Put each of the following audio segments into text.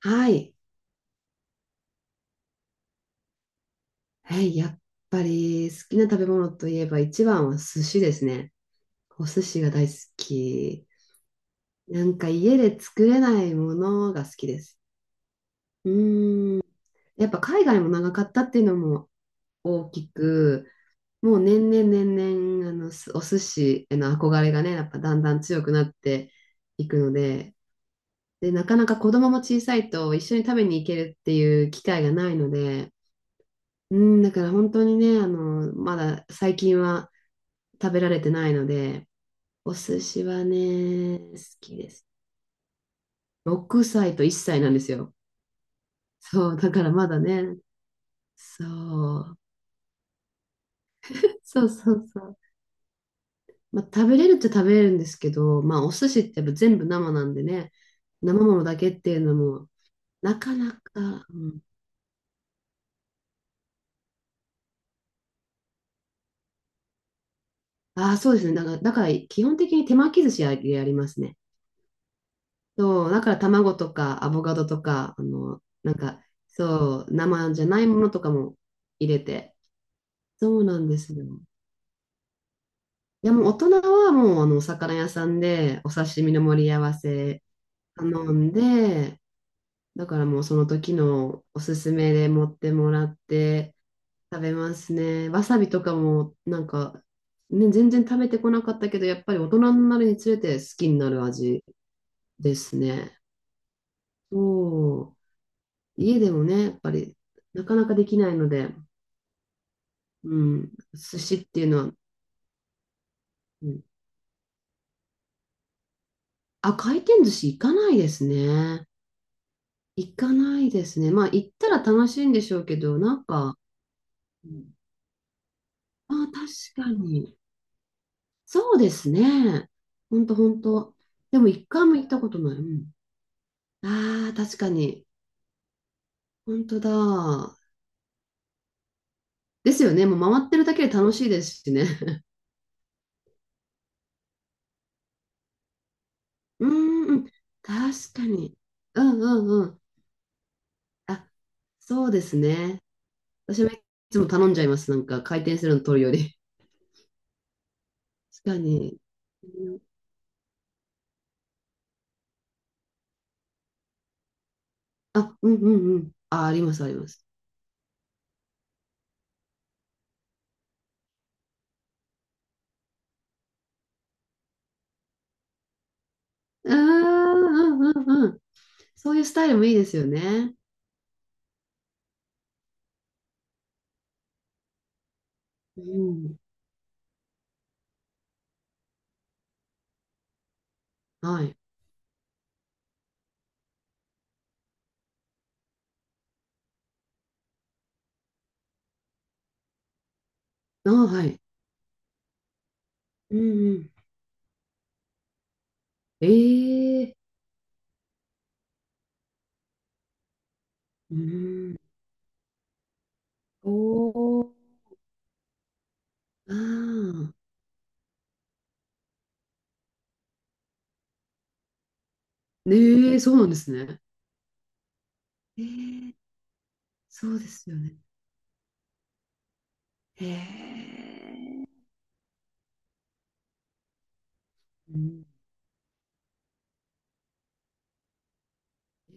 はい。はい。やっぱり好きな食べ物といえば一番は寿司ですね。お寿司が大好き。なんか家で作れないものが好きです。うーん。やっぱ海外も長かったっていうのも大きく、もう年々年々あのすお寿司への憧れがね、やっぱだんだん強くなっていくので、で、なかなか子供も小さいと一緒に食べに行けるっていう機会がないので、うん、だから本当にね、まだ最近は食べられてないので、お寿司はね、好きです。6歳と1歳なんですよ。そう、だからまだね、そう、そうそうそう。まあ、食べれるっちゃ食べれるんですけど、まあ、お寿司ってやっぱ全部生なんでね、生ものだけっていうのも、なかなか、うん、ああ、そうですね。だから基本的に手巻き寿司ややりますね。そう、だから卵とかアボカドとか、なんか、そう、生じゃないものとかも入れて。そうなんですよ。いやもう大人はもうお魚屋さんでお刺身の盛り合わせ頼んで、だからもうその時のおすすめで持ってもらって食べますね。わさびとかもなんか、ね、全然食べてこなかったけど、やっぱり大人になるにつれて好きになる味ですね。そう、家でもね、やっぱりなかなかできないので、うん、寿司っていうのは、うん、あ、回転寿司行かないですね。行かないですね。まあ、行ったら楽しいんでしょうけど、なんか、うんああ、確かに。そうですね。ほんと、ほんと。でも、一回も行ったことない。うん、ああ、確かに。ほんとだ。ですよね。もう回ってるだけで楽しいですしね。うーんうん、確かに。うんうんうん。あ、そうですね。私もいつも頼んじゃいます。なんか、回転するの取るより。確かに。うんあ、うんうんうん。あ、あります、あります。うーん、うん、うん、うん。そういうスタイルもいいですよね。うん。はい。あ、はい。うん、うん。ええうん。おー、ああ。ねえ、そうなんですね。ええそうですよね。へえ。うん、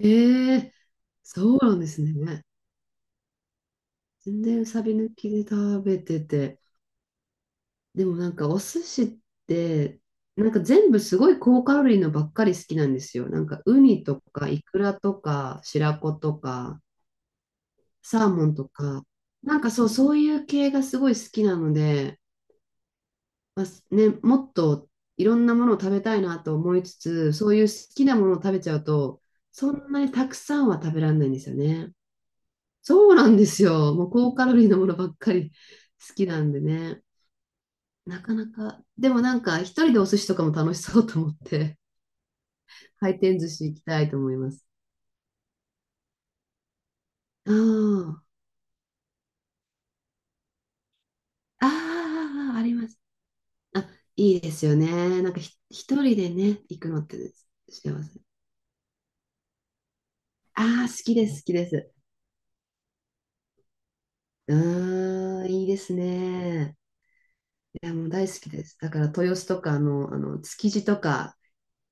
ええそうなんですね。全然サビ抜きで食べてて。でもなんかお寿司って、なんか全部すごい高カロリーのばっかり好きなんですよ。なんかウニとかイクラとか白子とかサーモンとか、なんかそう、そういう系がすごい好きなので、まあすね、もっといろんなものを食べたいなと思いつつ、そういう好きなものを食べちゃうと、そんなにたくさんは食べられないんですよね。そうなんですよ。もう高カロリーのものばっかり好きなんでね。なかなか、でもなんか、一人でお寿司とかも楽しそうと思って、回転寿司行きたいと思います。あーああ、あります。あ、いいですよね。なんか一人でね、行くのって幸せ。ああ、好きです、好きです。うーん、いいですね。いや、もう大好きです。だから、豊洲とかの、築地とか、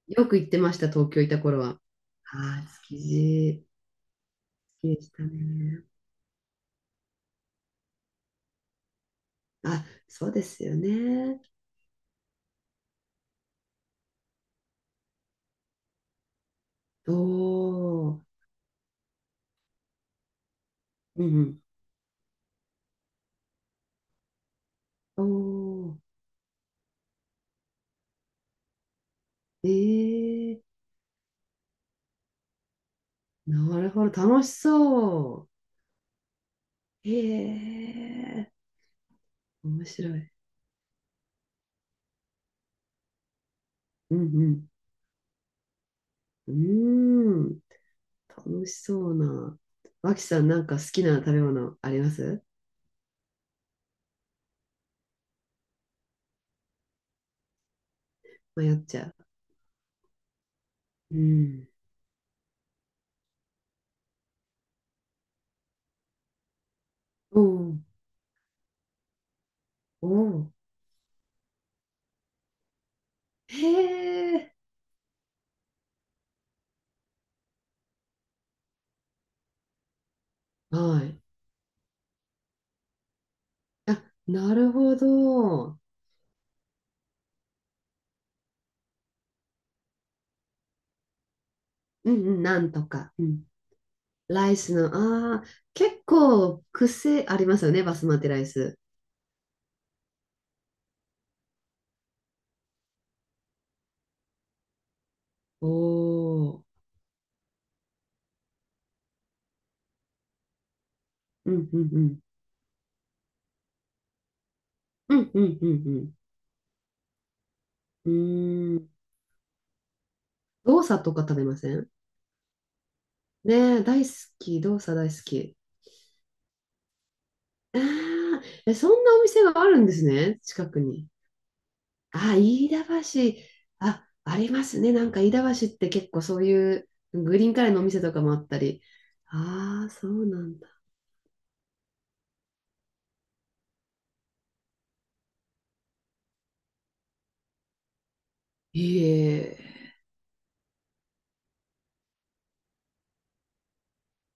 よく行ってました、東京いた頃は。ああ、築地、好きでしたね。あ、そうですよね。おー。うんうんおー、ええなるほど、楽しそう。ええ面白い。うんうん。うーん、楽しそうな。脇さん、なんか好きな食べ物あります？迷っちゃう。うん。おーおー、へえ、はい。あ、なるほど。うんうん、なんとか。うん。ライスの、ああ、結構癖ありますよね、バスマティライス。おお、うんうんうんうんうんうん。うーん。動作とか食べません？ねえ、大好き。動作大好き。ああ、え、そんなお店があるんですね。近くに。あ飯田橋。あ、ありますね。なんか飯田橋って結構そういうグリーンカレーのお店とかもあったり。ああ、そうなんだ。へえ。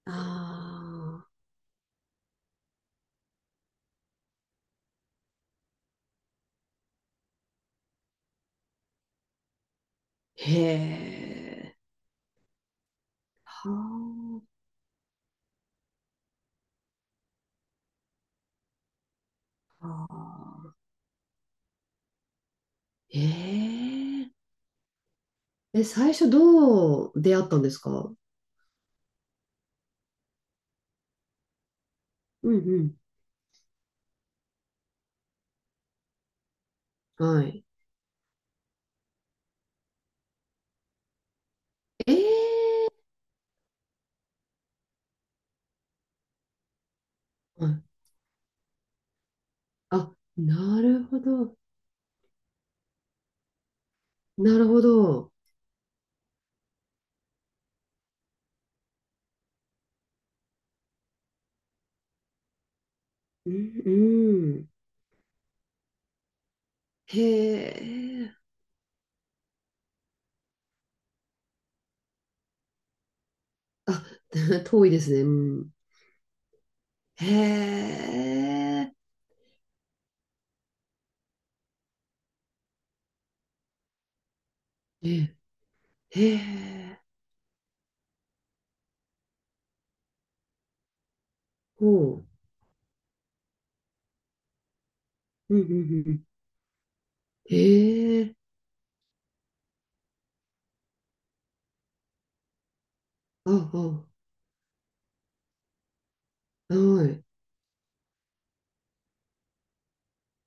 ああ、へえ。はあ。へえ。え、最初どう出会ったんですか？うんうんはい。ええーはい。あ、なるほど。なるほど。うん、うん。へえ。あ、遠いですね。うん。へえ。え、へえ。ほう。うん、うん、うん。へえ。あ、あ、はい。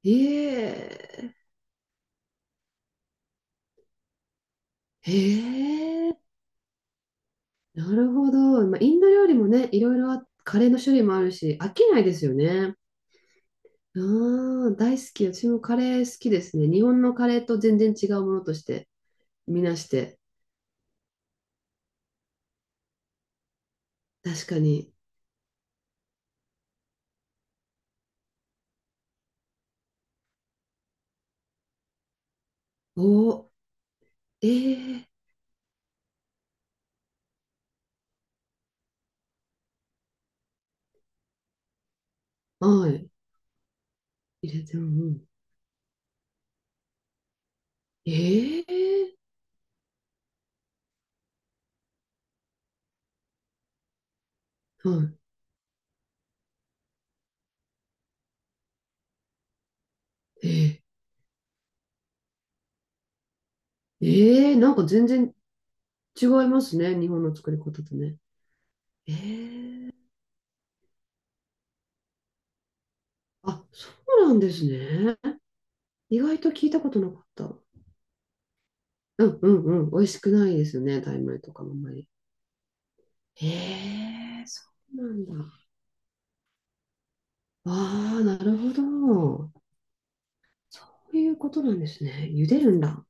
ええ。へえ。なるほど。まあ、インド料理もね、いろいろカレーの種類もあるし、飽きないですよね。ああ、大好き。私もカレー好きですね。日本のカレーと全然違うものとしてみなして。確かに。おー、えー、はい。入れて、も、うん。えー、はい。なんか全然違いますね。日本の作り方とね。えー、あ、そうなんですね。意外と聞いたことなかった。うんうんうん。美味しくないですよね。タイ米とかもあんまり。ええそうなんだ。ああ、なるほど。そういうことなんですね。茹でるんだ。